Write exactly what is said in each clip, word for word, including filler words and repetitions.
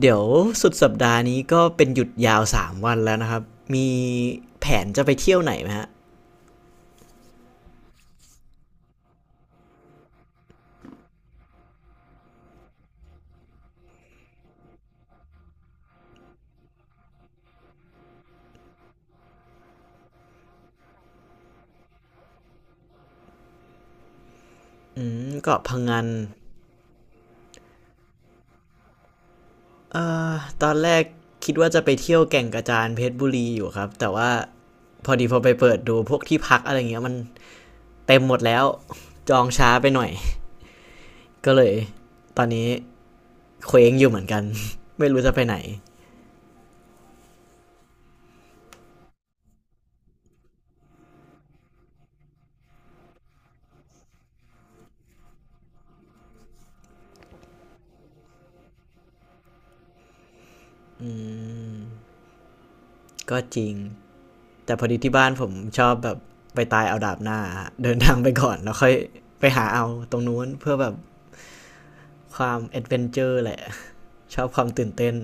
เดี๋ยวสุดสัปดาห์นี้ก็เป็นหยุดยาวสามวันแล้วนะครับ มีแผนจะไปเที่ยวไหนไหมฮะอืมเกาะพังงนตอนแรกคิดว่าจะไปเที่ยวแก่งกระจานเพชรบุรีอยู่ครับ แต่ว่าพอดีพอไปเปิดดูพวกที่พักอะไรเงี้ยมันเต็มหมดแล้วจองช้าไปหน่อย ก็เลยตอนนี้เคว้งอยู่เหมือนกัน ไม่รู้จะไปไหน ก็จริงแต่พอดีที่บ้านผมชอบแบบไปตายเอาดาบหน้าเดินทางไปก่อนแล้วค่อยไปหาเอาตรงนู้นเพื่อแบบ ความแอดเวนเจอร์แหละ ชอบความตื่นเต้น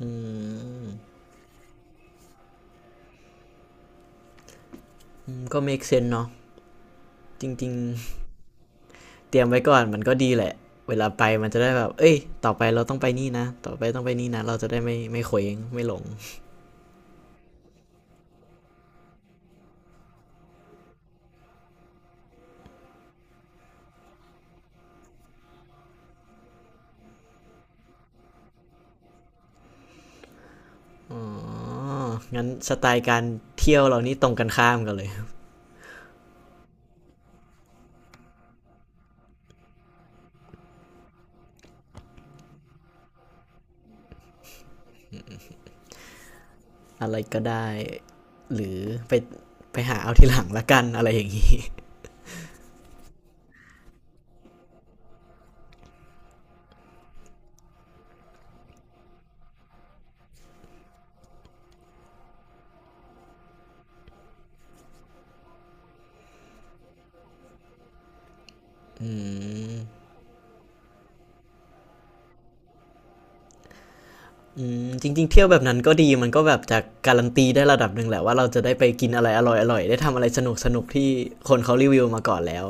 อืมมก็ make sense เซนส์เนาะจริงๆเตรียมไว้ก่อนมันก็ดีแหละเวลาไปมันจะได้แบบเอ้ยต่อไปเราต้องไปนี่นะต่อไปต้องไปนี่นะเราจะได้ไม่ไม่เขวงไม่หลงอ๋องั้นสไตล์การเที่ยวเรานี่ตรงกันข้ามกันเลยอะไรก็ได้หรือไปไปหาเอาทีหลังละกันอะไรอย่างนี้อืม อืมจริงๆเที่ยวแบบนั้นก็ดีมันก็แบบจะการันตีได้ระดับหนึ่งแหละว่าเราจะได้ไปกินอะไรอร่อยๆได้ทำอะไรสนุกๆที่คนเขารีวิวมาก่อนแล้ว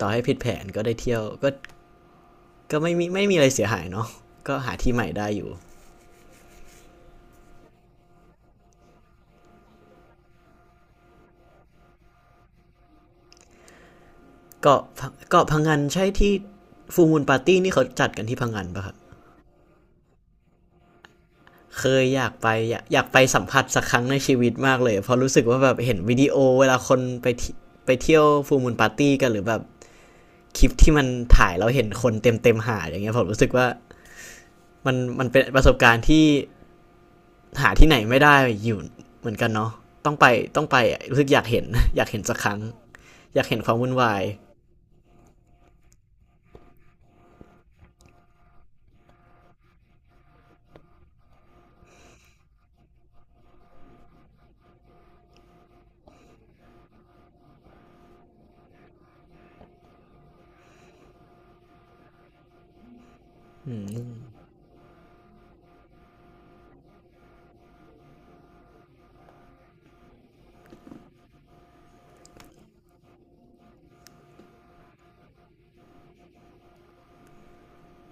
ต่อให้ผิดแผนก็ได้เที่ยวก็ก็ไม่มีไม่มีอะไรเสียหายเนาะก็หาที่ใหม่ได้อยู่เกาะเกาะพังงานใช่ที่ฟูลมูลปาร์ตี้นี่เขาจัดกันที่พังงานปะครับเคยอยากไปอยากอยากไปสัมผัสสักครั้งในชีวิตมากเลยเพราะรู้สึกว่าแบบเห็นวิดีโอเวลาคนไปที่ไปเที่ยวฟูลมูลปาร์ตี้กันหรือแบบ คลิปที่มันถ่ายแล้วเห็นคนเต็มเต็มๆหาดอย่างเงี้ยผมรู้สึกว่ามันมันเป็นประสบการณ์ที่หาที่ไหนไม่ได้อยู่เหมือนกันเนาะต้องไปต้องไปรู้สึกอยากเห็น อยากเห็นสักครั้งอยากเห็นความวุ่นวาย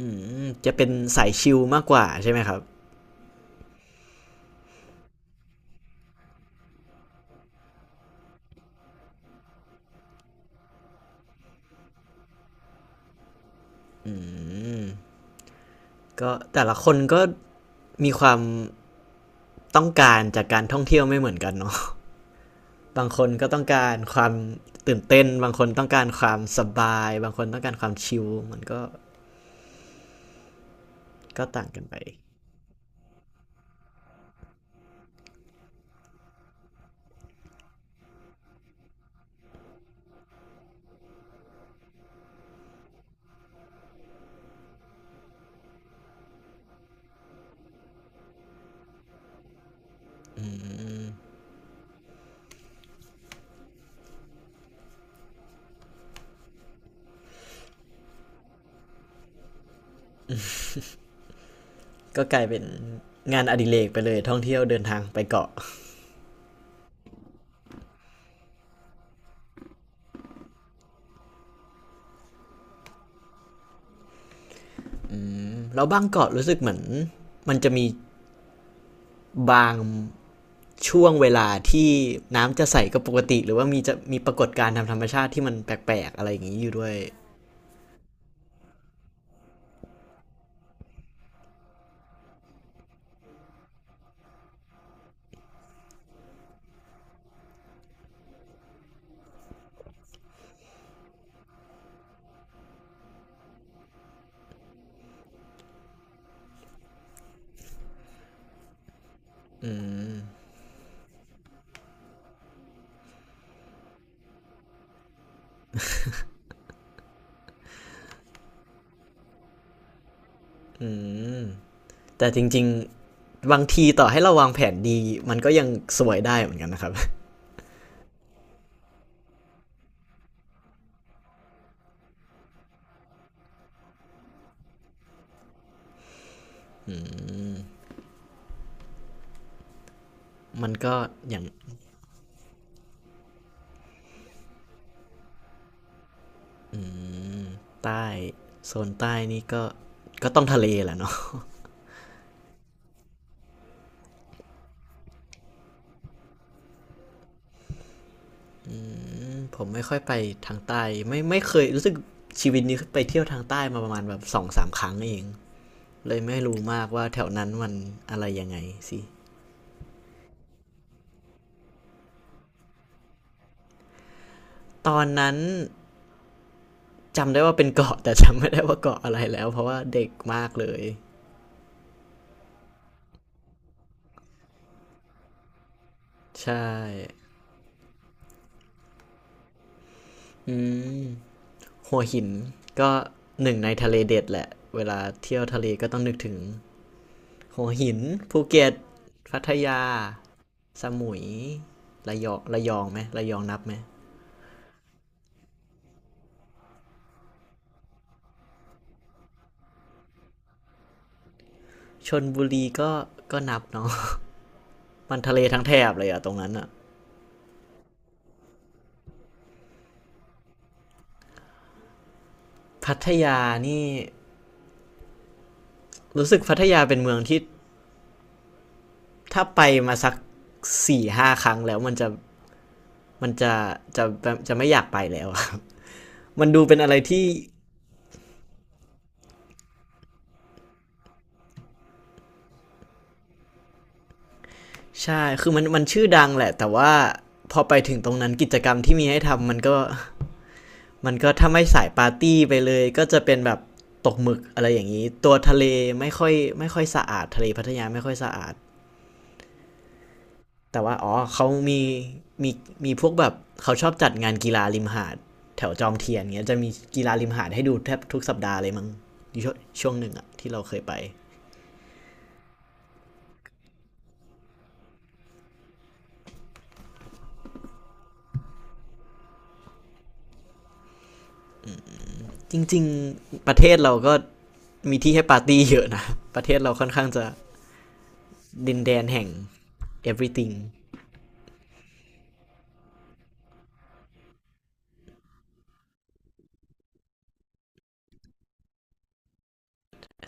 อืมจะเป็นสายชิลมากกว่าใช่ไหมครับอืมก็แต่ละคนก็มีความต้องการจากการท่องเที่ยวไม่เหมือนกันเนาะ บางคนก็ต้องการความตื่นเต้นบางคนต้องการความสบายบางคนต้องการความชิลมันก็ก็ต่างกันไป ก็กลายเป็นงานอดิเรกไปเลยท่องเที่ยวเดินทางไปเกาะแล้วบางเกาะรู้สึกเหมือนมันจะมีบางช่วงเวลาที่น้ำจะใสก็ปกติหรือว่ามีจะมีปรากฏการณ์ทางธรรมชาติที่มันแปลกๆอะไรอย่างนี้อยู่ด้วยอืมแต่จริงๆบางทีต่อให้เราวางแผนดีมันก็ยังสวยได้เหมือนกันนะครับ มันก็อย่างใต้โซนใต้นี่ก็ก็ต้องทะเลแหละเนาะ ผมไม่ค่อยไปทางใต้ไม่ไม่เคยรู้สึกชีวิตนี้ไปเที่ยวทางใต้มาประมาณแบบสองสามครั้งเองเลยไม่รู้มากว่าแถวนั้นมันอะไรยังไงสิตอนนั้นจำได้ว่าเป็นเกาะ แต่จำไม่ได้ว่าเกาะอะไรแล้วเพราะว่าเด็กมากเลยใช่อืมหัวหินก็หนึ่งในทะเลเด็ดแหละเวลาเที่ยวทะเลก็ต้องนึกถึงหัวหินภูเก็ตพัทยาสมุยระยองระยองไหมระยองนับไหม ชนบุรีก็ก็นับเนาะ มันทะเลทั้งแถบเลยอะตรงนั้นอะพัทยานี่รู้สึกพัทยาเป็นเมืองที่ถ้าไปมาสักสี่ห้าครั้งแล้วมันจะมันจะจะจะไม่อยากไปแล้วครับ มันดูเป็นอะไรที่ใช่คือมันมันชื่อดังแหละแต่ว่าพอไปถึงตรงนั้นกิจกรรมที่มีให้ทำมันก็มันก็ถ้าไม่สายปาร์ตี้ไปเลยก็จะเป็นแบบตกหมึกอะไรอย่างนี้ตัวทะเลไม่ค่อยไม่ค่อยสะอาดทะเลพัทยาไม่ค่อยสะอาด แต่ว่าอ๋อเขามีมีมีพวกแบบเขาชอบจัดงานกีฬาริมหาดแถวจอมเทียนเงี้ยจะมีกีฬาริมหาดให้ดูแทบทุกสัปดาห์เลยมั้งชูช่วงหนึ่งอะที่เราเคยไปจริงๆประเทศเราก็มีที่ให้ปาร์ตี้เยอะนะประเทศเราค่อนข้างจะดินแดนแห่ง everything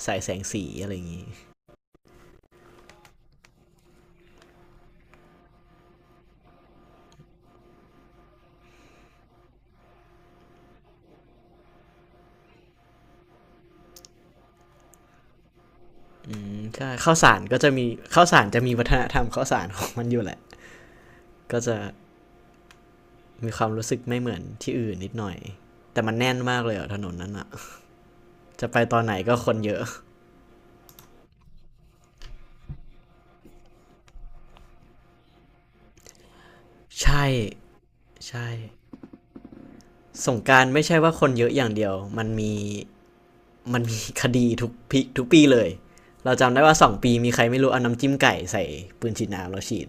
สายแสงสีอะไรอย่างงี้ใช่ข้าวสารก็จะมีข้าวสารจะมีวัฒนธรรมข้าวสารของมันอยู่แหละก็จะมีความรู้สึกไม่เหมือนที่อื่นนิดหน่อยแต่มันแน่นมากเลยอะถนนนั้นอะ จะไปตอนไหนก็คนเยอะ ใช่ ใช่สงกรารไม่ใช่ว่าคนเยอะอย่างเดียว มันมีมันมีคดีทุกปีทุกปีเลย เราจำได้ว่าสองปีมีใครไม่รู้เอาน้ำจิ้มไก่ใส่ปืนฉีดน้ำแล้วฉีด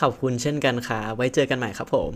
ขอบคุณเช่นกันค่ะไว้เจอกันใหม่ครับผม